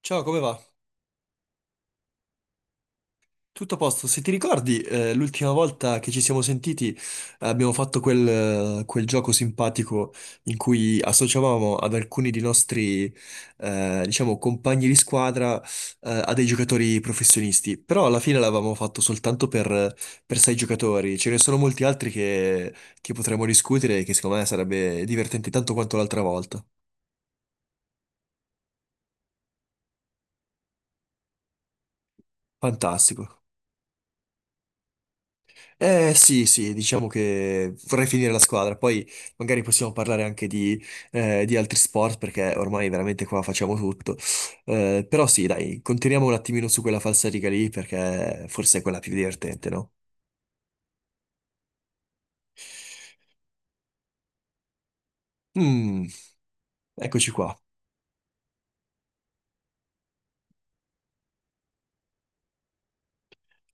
Ciao, come va? Tutto a posto? Se ti ricordi, l'ultima volta che ci siamo sentiti abbiamo fatto quel gioco simpatico in cui associavamo ad alcuni dei nostri, diciamo, compagni di squadra, a dei giocatori professionisti. Però alla fine l'avevamo fatto soltanto per sei giocatori. Ce ne sono molti altri che potremmo discutere e che secondo me sarebbe divertente tanto quanto l'altra volta. Fantastico. Eh sì, sì, diciamo che vorrei finire la squadra, poi magari possiamo parlare anche di altri sport perché ormai veramente qua facciamo tutto. Però sì, dai, continuiamo un attimino su quella falsariga lì perché forse è quella più divertente, no? Mm, eccoci qua.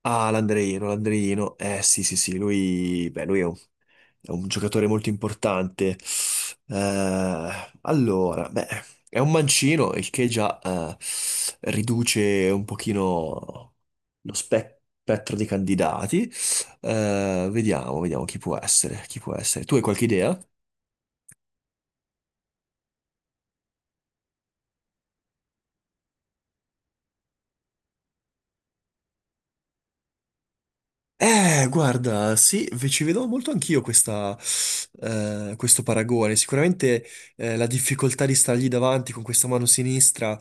Ah, l'Andreino, l'Andreino. Eh sì, sì, sì, lui, beh, è un giocatore molto importante. Eh, beh, è un mancino, il che già riduce un pochino spettro dei candidati. Vediamo, vediamo chi può essere, chi può essere. Tu hai qualche idea? Guarda, sì, ci vedevo molto anch'io questo paragone. Sicuramente la difficoltà di stargli davanti con questa mano sinistra,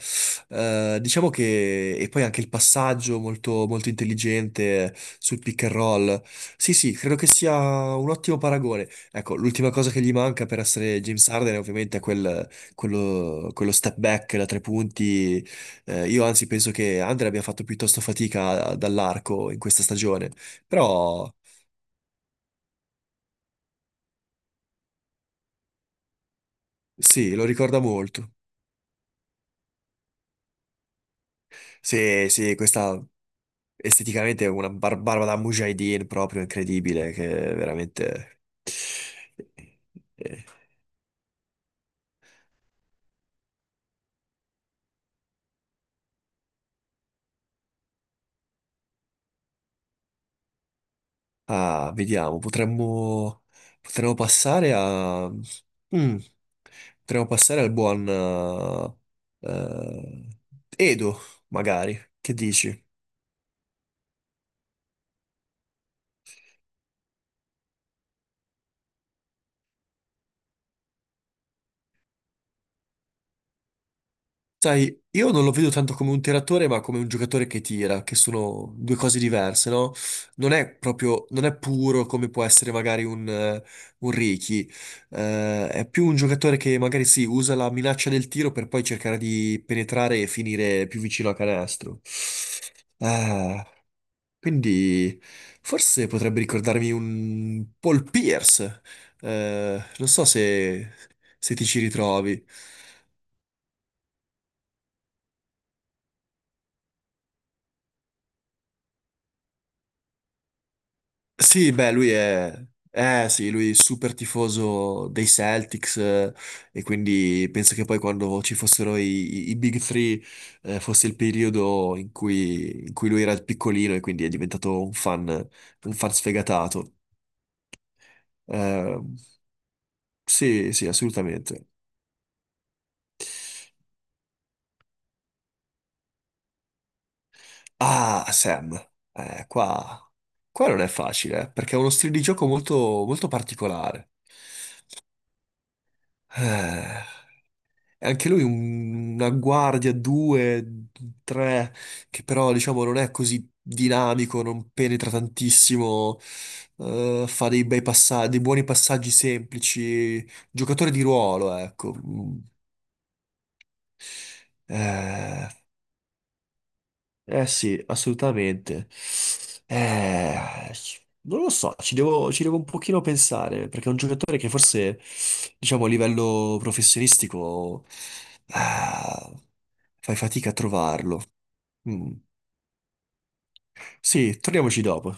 diciamo che... E poi anche il passaggio molto, molto intelligente sul pick and roll. Sì, sì, credo che sia un ottimo paragone. Ecco, l'ultima cosa che gli manca per essere James Harden è ovviamente quello step back da tre punti. Io anzi penso che Andre abbia fatto piuttosto fatica dall'arco in questa stagione. Però sì, lo ricorda molto. Sì, sì, questa esteticamente è una barba da Mujahideen proprio incredibile, che veramente... Eh, ah, vediamo, potremmo passare a... Mm, potremmo passare al buon eh, Edo, magari. Che dici? Sai, io non lo vedo tanto come un tiratore, ma come un giocatore che tira, che sono due cose diverse, no? Non è puro come può essere magari un Ricky. È più un giocatore che magari sì, usa la minaccia del tiro per poi cercare di penetrare e finire più vicino a canestro. Ah, quindi forse potrebbe ricordarmi un Paul Pierce. Non so se se ti ci ritrovi. Sì, beh, lui è... Eh sì, lui è super tifoso dei Celtics e quindi penso che poi quando ci fossero i Big Three fosse il periodo in cui lui era piccolino e quindi è diventato un fan sfegatato. Eh, sì, sì, assolutamente. Ah, Sam, eh, qua, qua non è facile perché è uno stile di gioco molto, molto particolare. Eh. E anche lui una guardia, due, tre, che però diciamo non è così dinamico, non penetra tantissimo, fa dei bei passaggi, dei buoni passaggi semplici, giocatore di ruolo, ecco. Mm. Eh, eh sì, assolutamente. Eh, non lo so, ci devo un pochino pensare, perché è un giocatore che forse, diciamo, a livello professionistico, ah, fai fatica a trovarlo. Mm. Sì, torniamoci dopo.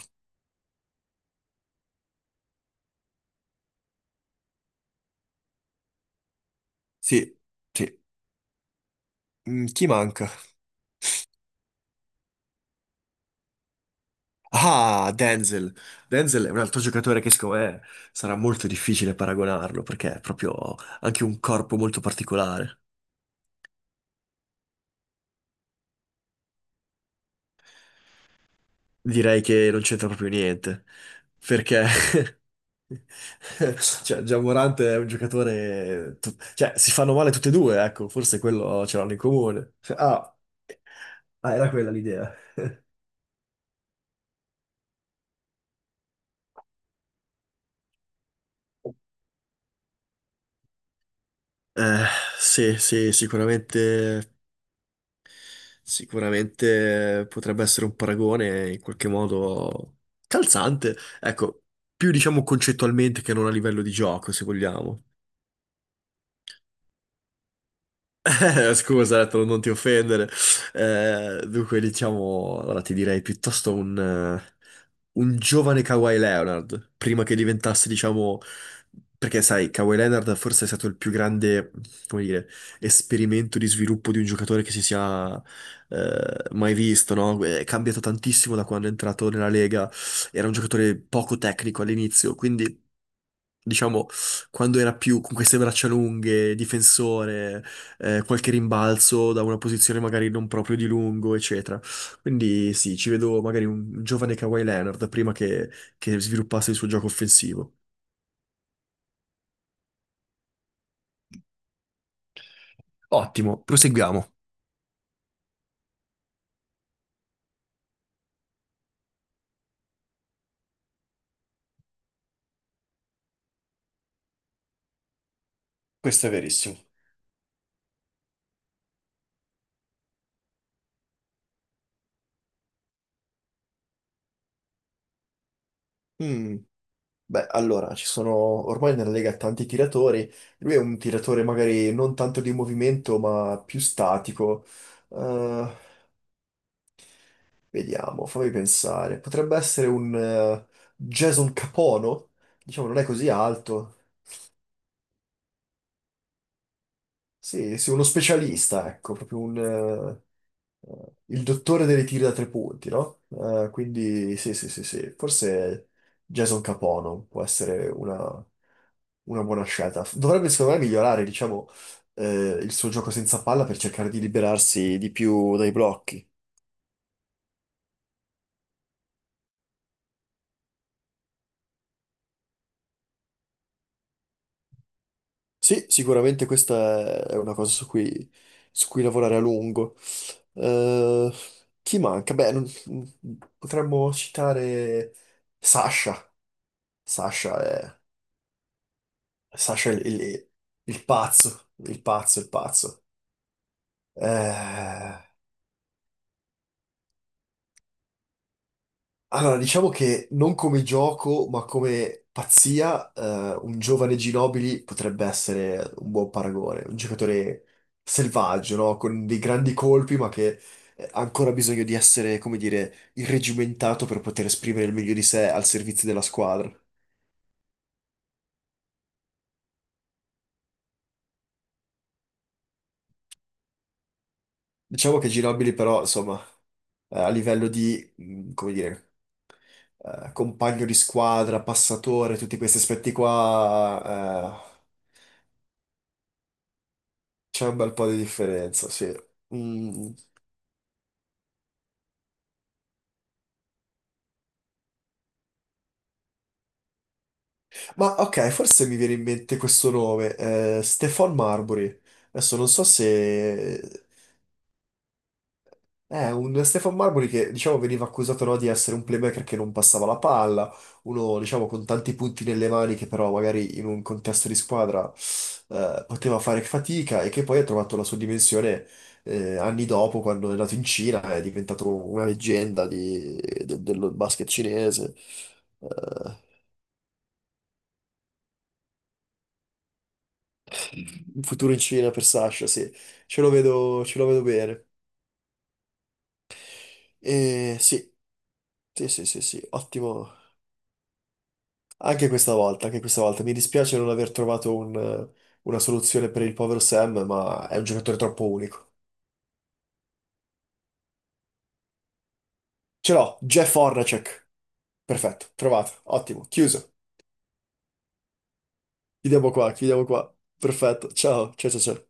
Sì, sì. Mm, chi manca? Ah, Denzel. Denzel è un altro giocatore che secondo me sarà molto difficile paragonarlo, perché è proprio anche un corpo molto particolare. Direi che non c'entra proprio niente, perché cioè, Gian Morante è un giocatore... Cioè, si fanno male tutti e due, ecco, forse quello ce l'hanno in comune. Era quella l'idea. Eh, sì, sì, sicuramente, sicuramente potrebbe essere un paragone in qualche modo calzante, ecco, più diciamo concettualmente che non a livello di gioco, se vogliamo. Scusa, per non ti offendere. Dunque, diciamo, allora ti direi piuttosto un giovane Kawhi Leonard, prima che diventasse, diciamo, perché sai, Kawhi Leonard forse è stato il più grande, come dire, esperimento di sviluppo di un giocatore che si sia mai visto, no? È cambiato tantissimo da quando è entrato nella Lega, era un giocatore poco tecnico all'inizio, quindi diciamo, quando era più con queste braccia lunghe, difensore, qualche rimbalzo da una posizione magari non proprio di lungo, eccetera. Quindi sì, ci vedo magari un giovane Kawhi Leonard prima che sviluppasse il suo gioco offensivo. Ottimo, proseguiamo. Questo è verissimo. Mm, beh, allora, ci sono ormai nella Lega tanti tiratori. Lui è un tiratore magari non tanto di movimento, ma più statico. Eh, vediamo, fammi pensare. Potrebbe essere un Jason Capono? Diciamo, non è così alto. Sì, sì, uno specialista, ecco, proprio il dottore dei tiri da tre punti, no? Quindi sì, sì, sì, sì, forse Jason Capono può essere una buona scelta. Dovrebbe, secondo me, migliorare, diciamo, il suo gioco senza palla per cercare di liberarsi di più dai blocchi. Sì, sicuramente questa è una cosa su su cui lavorare a lungo. Eh, chi manca? Beh, potremmo citare Sasha. Sasha è, Sasha è il pazzo, il pazzo, il pazzo. Eh, allora, diciamo che non come gioco, ma come pazzia, un giovane Ginobili potrebbe essere un buon paragone, un giocatore selvaggio, no? Con dei grandi colpi, ma che ha ancora bisogno di essere, come dire, irregimentato per poter esprimere il meglio di sé al servizio della squadra. Diciamo che Ginobili però, insomma, a livello di, come dire compagno di squadra, passatore, tutti questi aspetti qua, c'è un bel po' di differenza, sì. Mm, ma ok, forse mi viene in mente questo nome, Stefan Marbury. Adesso non so se eh, un Stefan Marbury che, diciamo, veniva accusato, no, di essere un playmaker che non passava la palla, uno, diciamo, con tanti punti nelle mani che però magari in un contesto di squadra poteva fare fatica e che poi ha trovato la sua dimensione anni dopo, quando è nato in Cina, è diventato una leggenda del basket cinese. Eh, il futuro in Cina per Sasha, sì, ce lo vedo bene. E sì, sì, sì, sì, sì, ottimo. Anche questa volta, anche questa volta. Mi dispiace non aver trovato una soluzione per il povero Sam, ma è un giocatore troppo unico. Ce l'ho, Jeff Hornacek. Perfetto, trovato, ottimo, chiuso. Chiudiamo qua, chiudiamo qua. Perfetto, ciao, ciao, ciao, ciao.